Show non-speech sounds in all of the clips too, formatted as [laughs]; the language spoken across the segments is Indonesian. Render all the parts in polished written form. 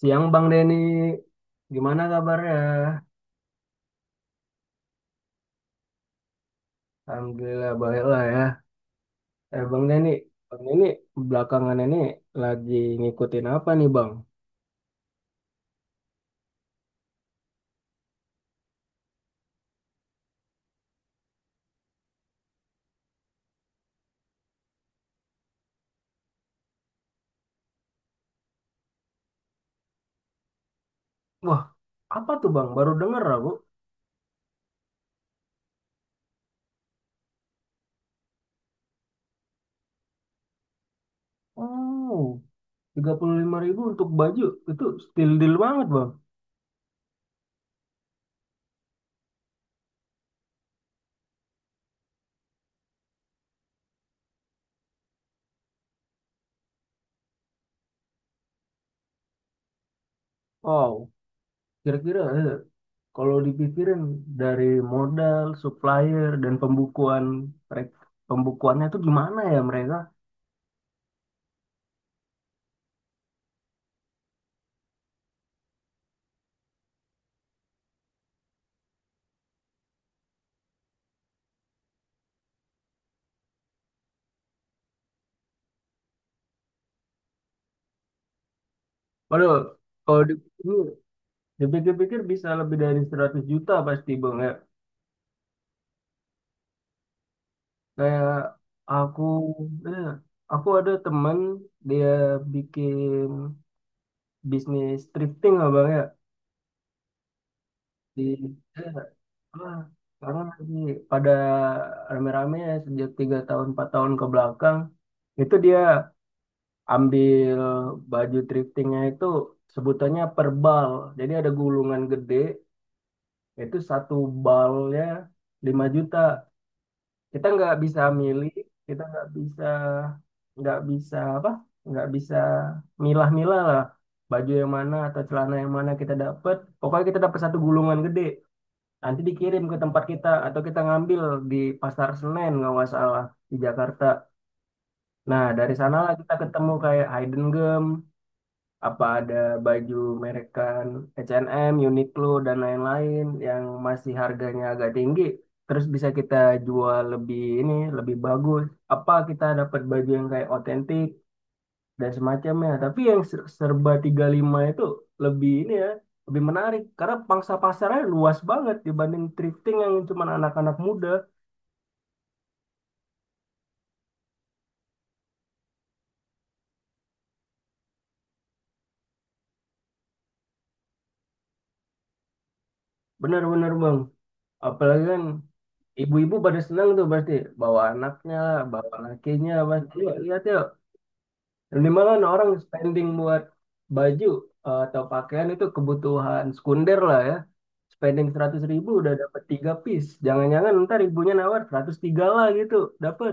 Siang Bang Denny, gimana kabarnya? Alhamdulillah baik lah ya. Eh, Bang Denny, belakangan ini lagi ngikutin apa nih Bang? Wah, apa tuh Bang? Baru denger aku. Oh, 35.000 untuk baju, itu still deal banget Bang. Wow, kira-kira kalau dipikirin dari modal, supplier, dan pembukuan, merek- pembukuannya itu gimana ya mereka? Waduh, kalau ini dipikir-pikir bisa lebih dari 100 juta pasti Bang. Kayak aku, eh, aku ada teman, dia bikin bisnis thrifting lah bang ya. di eh, ah, Sekarang lagi pada rame-rame ya sejak tiga tahun empat tahun ke belakang. Itu dia ambil baju thriftingnya itu, sebutannya per bal. Jadi ada gulungan gede, itu satu balnya 5 juta. Kita nggak bisa milih, kita nggak bisa apa nggak bisa milah-milah lah baju yang mana atau celana yang mana kita dapat. Pokoknya kita dapat satu gulungan gede, nanti dikirim ke tempat kita atau kita ngambil di Pasar Senen kalau nggak salah, di Jakarta. Nah dari sanalah kita ketemu kayak Hidden Gem, apa ada baju merekan H&M, Uniqlo dan lain-lain yang masih harganya agak tinggi, terus bisa kita jual lebih ini lebih bagus, apa kita dapat baju yang kayak otentik dan semacamnya. Tapi yang serba 35 itu lebih ini ya, lebih menarik karena pangsa pasarnya luas banget dibanding thrifting yang cuma anak-anak muda. Benar-benar bang, apalagi kan ibu-ibu pada senang tuh pasti, bawa anaknya, bawa lakinya pasti. Yuk, lihat yuk. Minimal orang spending buat baju atau pakaian itu kebutuhan sekunder lah ya. Spending 100 ribu udah dapat 3 piece. Jangan-jangan ntar ibunya nawar 103 lah gitu. Dapat.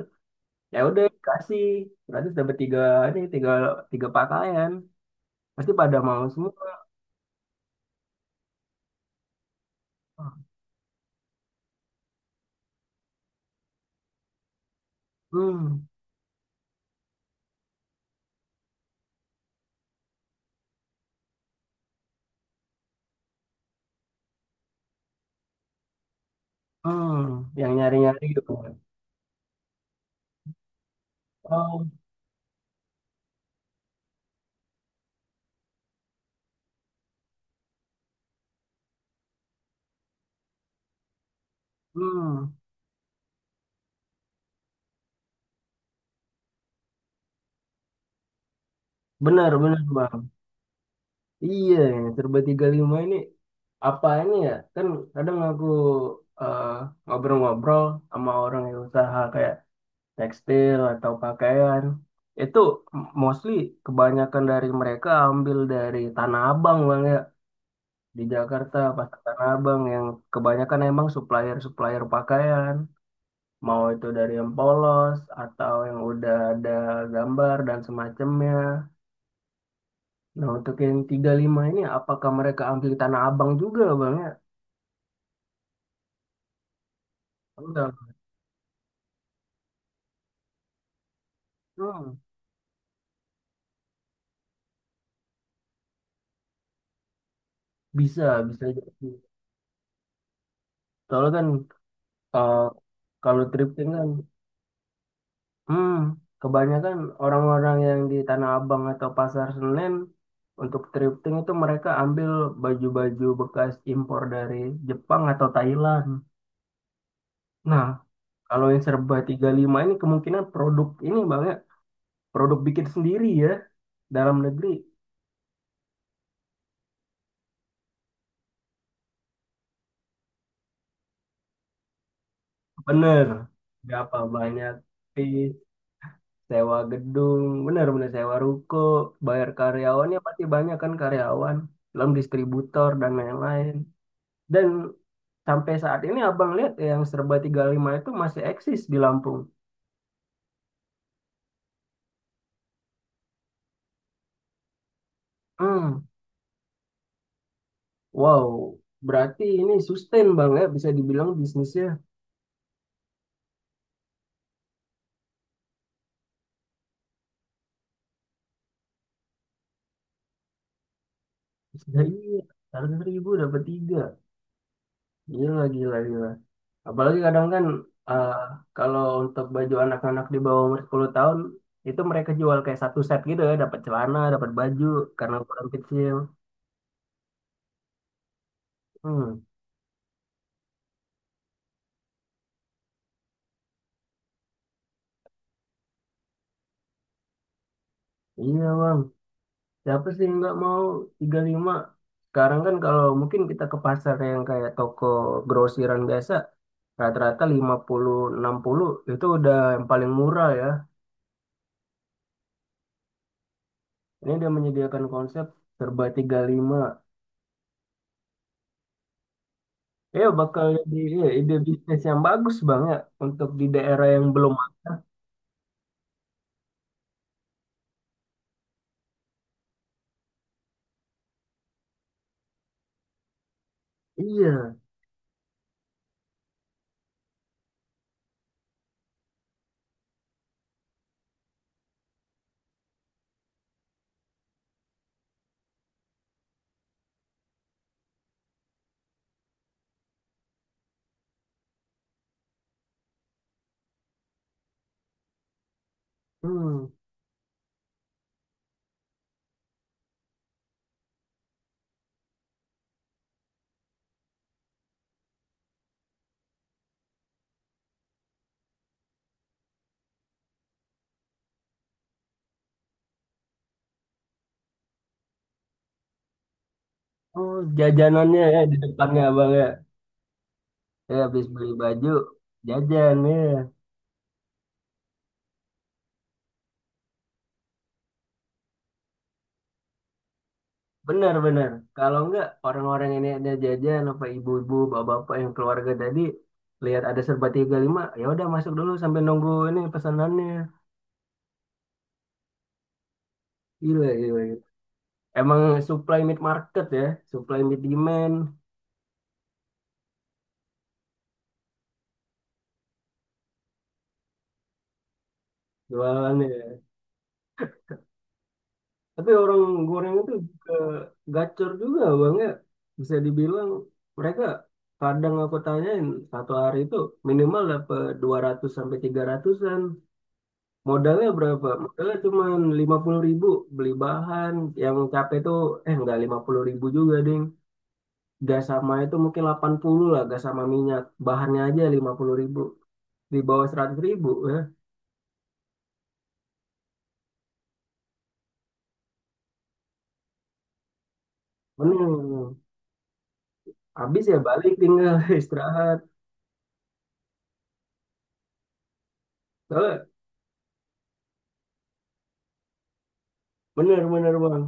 Ya udah kasih 100 dapat tiga, ini 3 3 pakaian. Pasti pada mau semua. Hmm. Hmm, yang nyari-nyari gitu. Oh. Hmm. Benar, benar, Bang. Iya, serba 35 ini apa ini ya kan, kadang aku eh, ngobrol-ngobrol sama orang yang usaha kayak tekstil atau pakaian, itu mostly kebanyakan dari mereka ambil dari Tanah Abang bang ya. Di Jakarta, pasar Tanah Abang yang kebanyakan emang supplier-supplier pakaian, mau itu dari yang polos atau yang udah ada gambar dan semacamnya. Nah untuk yang 35 ini apakah mereka ambil Tanah Abang juga bang ya. Enggak. Hmm. Bisa, bisa jadi. Soalnya kan eh, kalau thrifting kan, hmm, kebanyakan orang-orang yang di Tanah Abang atau Pasar Senen untuk thrifting itu mereka ambil baju-baju bekas impor dari Jepang atau Thailand. Nah, kalau yang serba 35 ini kemungkinan produk ini banyak, produk bikin sendiri ya, dalam negeri. Bener, berapa banyak sewa gedung, benar-benar sewa ruko, bayar karyawannya pasti banyak kan karyawan, belum distributor dan lain-lain. Dan sampai saat ini abang lihat yang serba 35 itu masih eksis di Lampung. Hmm, wow, berarti ini sustain bang ya, bisa dibilang bisnisnya. Ya, iya, harga seribu dapat tiga. Gila, gila, gila. Apalagi kadang kan eh, kalau untuk baju anak-anak di bawah umur 10 tahun, itu mereka jual kayak satu set gitu ya, dapat celana, dapat baju, karena ukuran kecil. Hmm, iya bang, siapa sih yang nggak mau tiga puluh lima. Sekarang kan kalau mungkin kita ke pasar yang kayak toko grosiran biasa, rata-rata 50, 60 itu udah yang paling murah ya. Ini dia menyediakan konsep serba tiga puluh lima. Ya bakal jadi ya, ide bisnis yang bagus banget untuk di daerah yang belum. Iya. Hmm. Oh, jajanannya ya di depannya Abang ya. Ya habis beli baju, jajan ya. Benar benar. Kalau enggak orang-orang ini ada jajan apa, ibu-ibu, bapak-bapak yang keluarga tadi lihat ada serba 35, ya udah masuk dulu sampai nunggu ini pesanannya. Gila, gila, gila. Emang supply mid market ya, supply mid demand jualannya. Tapi orang goreng itu juga gacor juga bang ya. Bisa dibilang mereka, kadang aku tanyain, satu hari itu minimal dapat 200 sampai 300-an. Modalnya berapa? Modalnya cuma 50 ribu beli bahan. Yang capek itu, eh nggak 50 ribu juga ding. Gas sama itu mungkin 80 lah, gas sama minyak. Bahannya aja 50 ribu. Di bawah 100 ribu ya. Bener. Habis ya balik tinggal [laughs] istirahat. Soalnya bener-bener bang.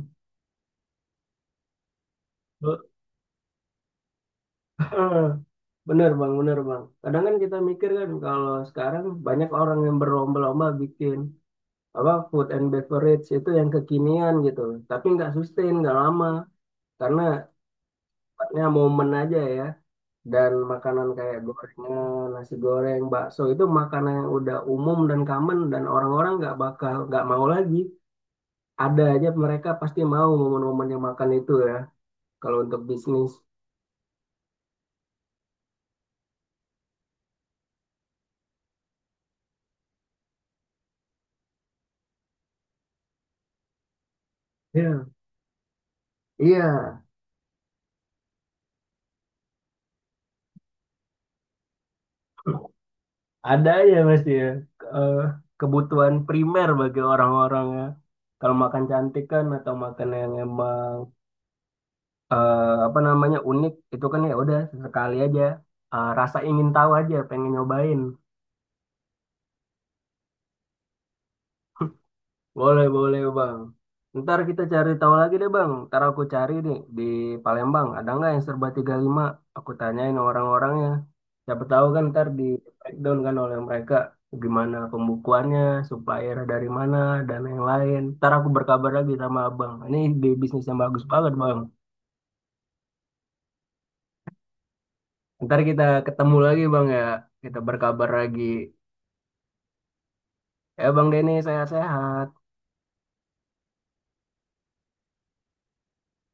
Eh, Bener bang, bener bang. Kadang kan kita mikir kan, kalau sekarang banyak orang yang berlomba-lomba bikin apa food and beverage itu yang kekinian gitu. Tapi nggak sustain, nggak lama. Karena sifatnya momen aja ya. Dan makanan kayak gorengan, nasi goreng, bakso itu makanan yang udah umum dan common, dan orang-orang nggak bakal nggak mau lagi. Ada aja mereka pasti mau momen-momen yang makan itu ya. Kalau untuk bisnis. Iya. Iya. Ada ya pasti ya, eh, kebutuhan primer bagi orang-orang ya. Kalau makan cantik kan atau makan yang emang apa namanya unik itu kan, ya udah sekali aja. Eh, rasa ingin tahu aja pengen nyobain. Boleh boleh bang. Ntar kita cari tahu lagi deh bang. Ntar aku cari nih di Palembang. Ada nggak yang serba 35? Aku tanyain orang-orangnya. Siapa tahu kan ntar di breakdown kan oleh mereka, gimana pembukuannya, supplier dari mana, dan yang lain. Ntar aku berkabar lagi sama abang. Ini di bisnis yang bagus banget bang. Ntar kita ketemu lagi bang ya. Kita berkabar lagi. Ya bang Denny, sehat-sehat.